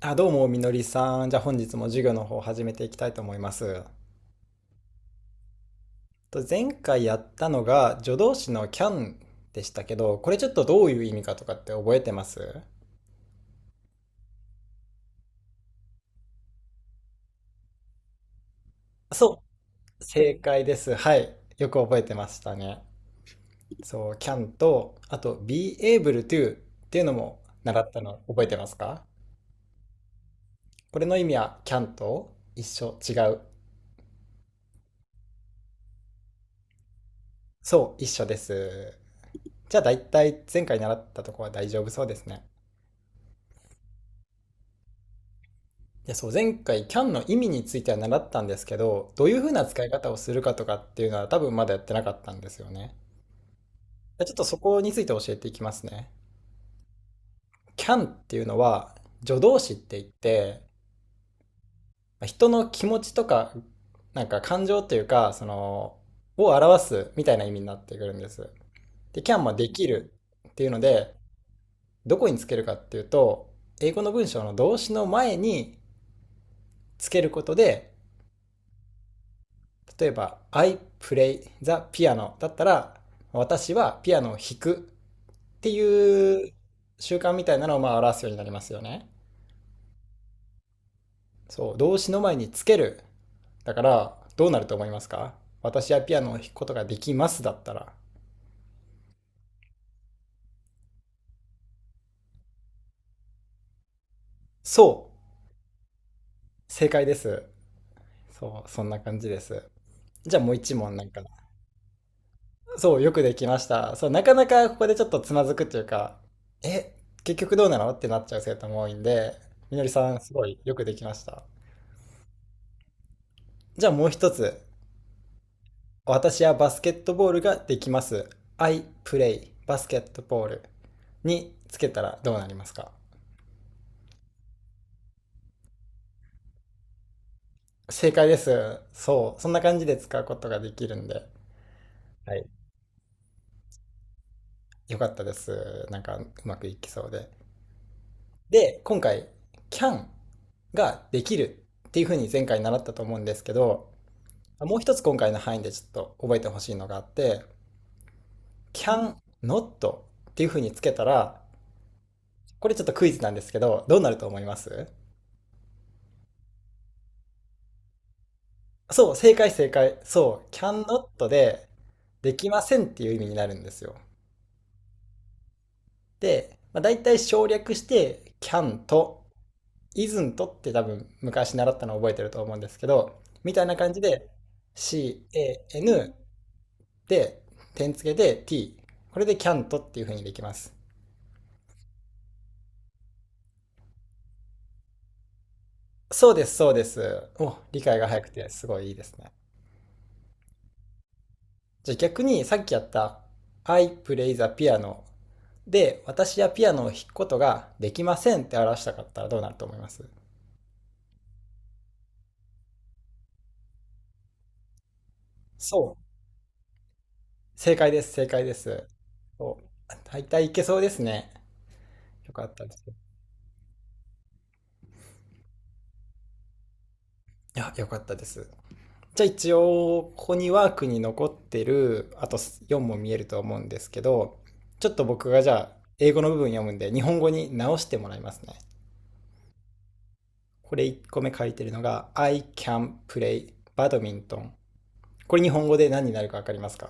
あ、どうも、みのりさん。じゃあ本日も授業の方を始めていきたいと思います。と前回やったのが助動詞の can でしたけど、これちょっとどういう意味かとかって覚えてます？そう、正解です。はい。よく覚えてましたね。そう、can と、あと be able to っていうのも習ったの覚えてますか？これの意味は can と一緒、違う？そう、一緒です。じゃあ大体前回習ったとこは大丈夫そうですね。いやそう、前回 CAN の意味については習ったんですけど、どういうふうな使い方をするかとかっていうのは多分まだやってなかったんですよね。でちょっとそこについて教えていきますね。CAN っていうのは助動詞って言って、まあ人の気持ちとか、なんか感情というか、を表すみたいな意味になってくるんです。で、CAN もできるっていうので、どこにつけるかっていうと、英語の文章の動詞の前につけることで、例えば、I play the piano だったら、私はピアノを弾くっていう習慣みたいなのをまあ表すようになりますよね。そう、動詞の前につける。だから、どうなると思いますか？私はピアノを弾くことができますだったら。そう、正解です。そう、そんな感じです。じゃあもう一問なんか。そう、よくできました。そう、なかなかここでちょっとつまずくっていうか、え、結局どうなのってなっちゃう生徒も多いんで、みのりさん、すごいよくできました。じゃあもう一つ。私はバスケットボールができます。I play バスケットボールにつけたらどうなりますか？正解です。そう。そんな感じで使うことができるんで。はい。よかったです。なんかうまくいきそうで。で、今回、can ができるっていうふうに前回習ったと思うんですけど、もう一つ今回の範囲でちょっと覚えてほしいのがあって、can not っていうふうにつけたら、これちょっとクイズなんですけど、どうなると思います？そう、正解正解。そう、can not で、できませんっていう意味になるんですよ。で、まあ、大体省略して、can と isn't って多分昔習ったのを覚えてると思うんですけど、みたいな感じで、can で、点付けで t。これで can t っていう風にできます。そうです、そうです。お、理解が早くてすごいいいですね。じゃあ逆にさっきやった I play the piano で私はピアノを弾くことができませんって表したかったらどうなると思います？そう。正解です、正解です。そう、大体いけそうですね。よかったです。いや、よかったです。じゃあ一応、ここにワークに残ってる、あと4も見えると思うんですけど、ちょっと僕がじゃあ、英語の部分読むんで、日本語に直してもらいますね。これ1個目書いてるのが、I can play badminton。これ日本語で何になるかわかりますか？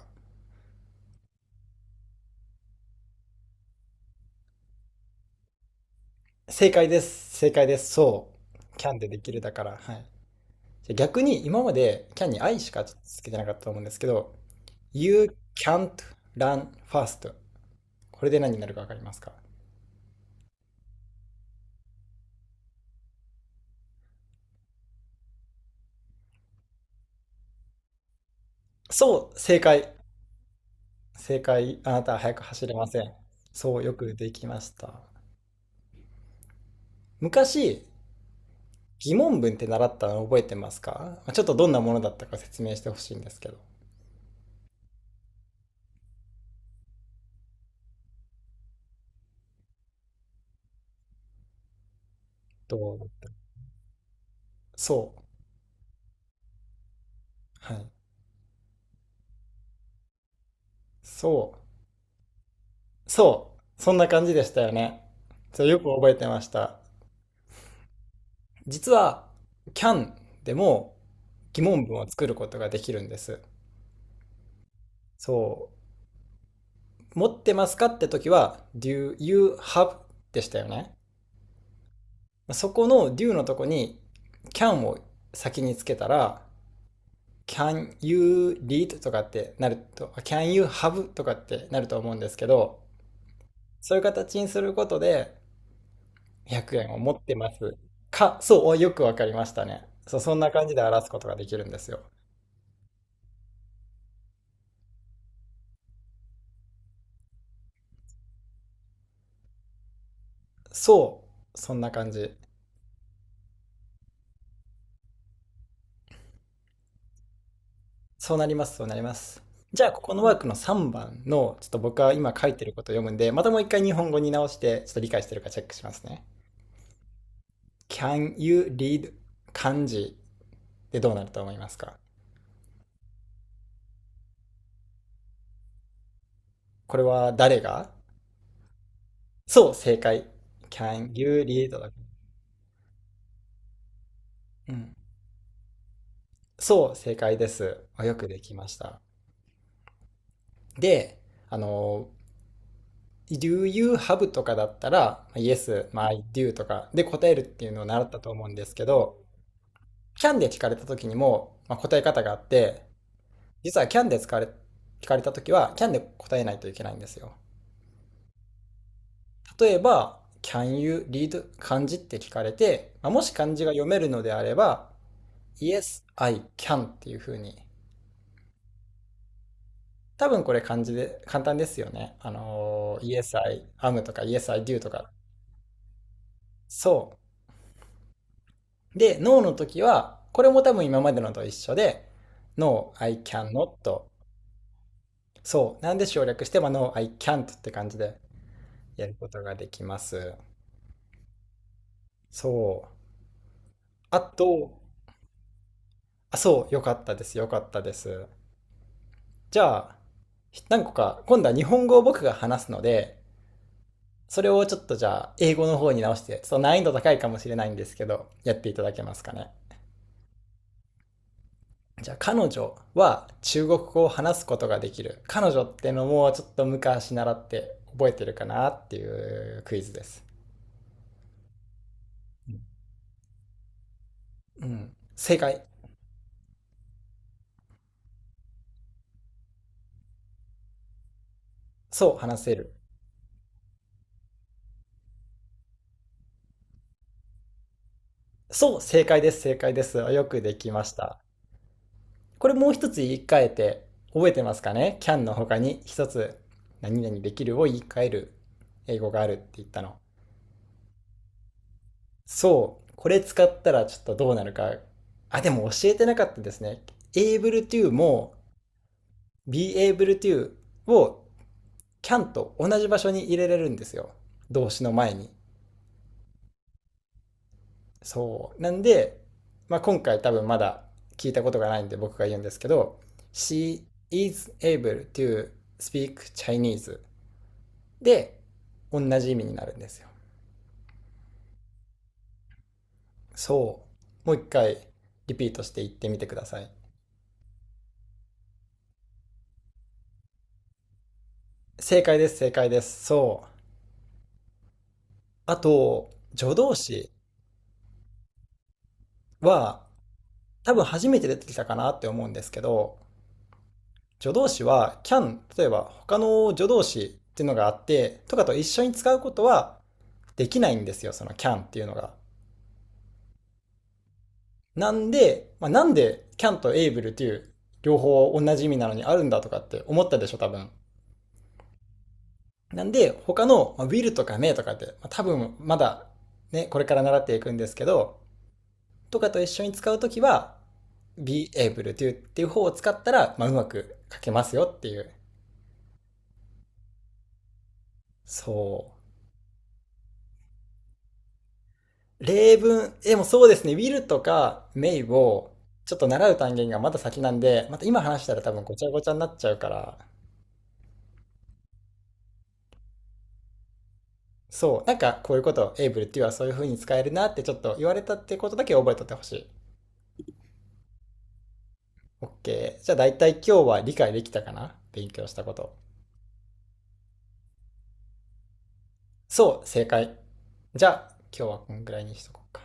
正解です。正解です。そう。can でできるだから。はい。じゃあ逆に今まで can に I しかつけてなかったと思うんですけど、You can't run fast. これで何になるかわかりますか？そう。正解。正解。あなたは速く走れません。そう。よくできました。昔、疑問文って習ったの覚えてますか？まあちょっとどんなものだったか説明してほしいんですけど。どう？そう。はい。そう。そう、そんな感じでしたよね。そう、よく覚えてました。実は、CAN でも疑問文を作ることができるんです。そう、持ってますかって時は、Do you have でしたよね。そこの Do のとこに CAN を先につけたら、Can you read とかってなると、Can you have とかってなると思うんですけど、そういう形にすることで、100円を持ってますか、そう、およくわかりましたね。そう、そんな感じで表すことができるんですよ。そう、そんな感じ。そうなります、そうなります。じゃあ、ここのワークの3番の、ちょっと僕は今書いてることを読むんで、またもう一回日本語に直して、ちょっと理解してるかチェックしますね。Can you read 漢字でどうなると思いますか？これは誰が？そう、正解。Can you read だ。うん。そう、正解です。あよくできました。で、あの、Do you have とかだったら、まあ Yes, まあ I do とかで答えるっていうのを習ったと思うんですけど、Can で聞かれた時にも、まあ、答え方があって、実は Can で使われ、聞かれた時は Can で答えないといけないんですよ。例えば、Can you read 漢字って聞かれて、まあ、もし漢字が読めるのであれば、Yes, I can っていう風に。多分これ漢字で簡単ですよね。Yes, I am とか Yes, I do とか。そう。で、No の時は、これも多分今までのと一緒で、No, I can not. そう。なんで省略して、まあ、No, I can't って感じでやることができます。そう。あと、あ、そう。よかったです。よかったです。じゃあ、何個か、今度は日本語を僕が話すので、それをちょっとじゃあ、英語の方に直して、ちょっと難易度高いかもしれないんですけど、やっていただけますかね。じゃあ彼女は中国語を話すことができる。彼女ってのもちょっと昔習って覚えてるかなっていうクイズです。うん。正解。そう、話せる。そう、正解です、正解です。よくできました。これもう一つ言い換えて覚えてますかね？ can の他に一つ何々できるを言い換える英語があるって言ったの。そう、これ使ったらちょっとどうなるか。あ、でも教えてなかったですね。able to も be able to を can と同じ場所に入れれるんですよ。動詞の前に。そう。なんで、まあ、今回多分まだ聞いたことがないんで僕が言うんですけど、she is able to speak Chinese で同じ意味になるんですよ。そう。もう一回リピートして言ってみてください。正解です、正解です。そう。あと、助動詞は多分初めて出てきたかなって思うんですけど、助動詞は can、例えば他の助動詞っていうのがあって、とかと一緒に使うことはできないんですよ、その can っていうのが。なんで、まあ、なんで can と able っていう両方同じ意味なのにあるんだとかって思ったでしょ、多分。なんで、他の、will とか may とかって、多分まだね、これから習っていくんですけど、とかと一緒に使うときは、be able to っていう方を使ったら、まあ、うまく書けますよっていう。そう。例文、でもそうですね、will とか may をちょっと習う単元がまだ先なんで、また今話したら多分ごちゃごちゃになっちゃうから、そう、なんかこういうこと、able っていうのはそういう風に使えるなってちょっと言われたってことだけ覚えとってほしい。OK。じゃあ大体今日は理解できたかな、勉強したこと。そう、正解。じゃあ今日はこんぐらいにしとこうか。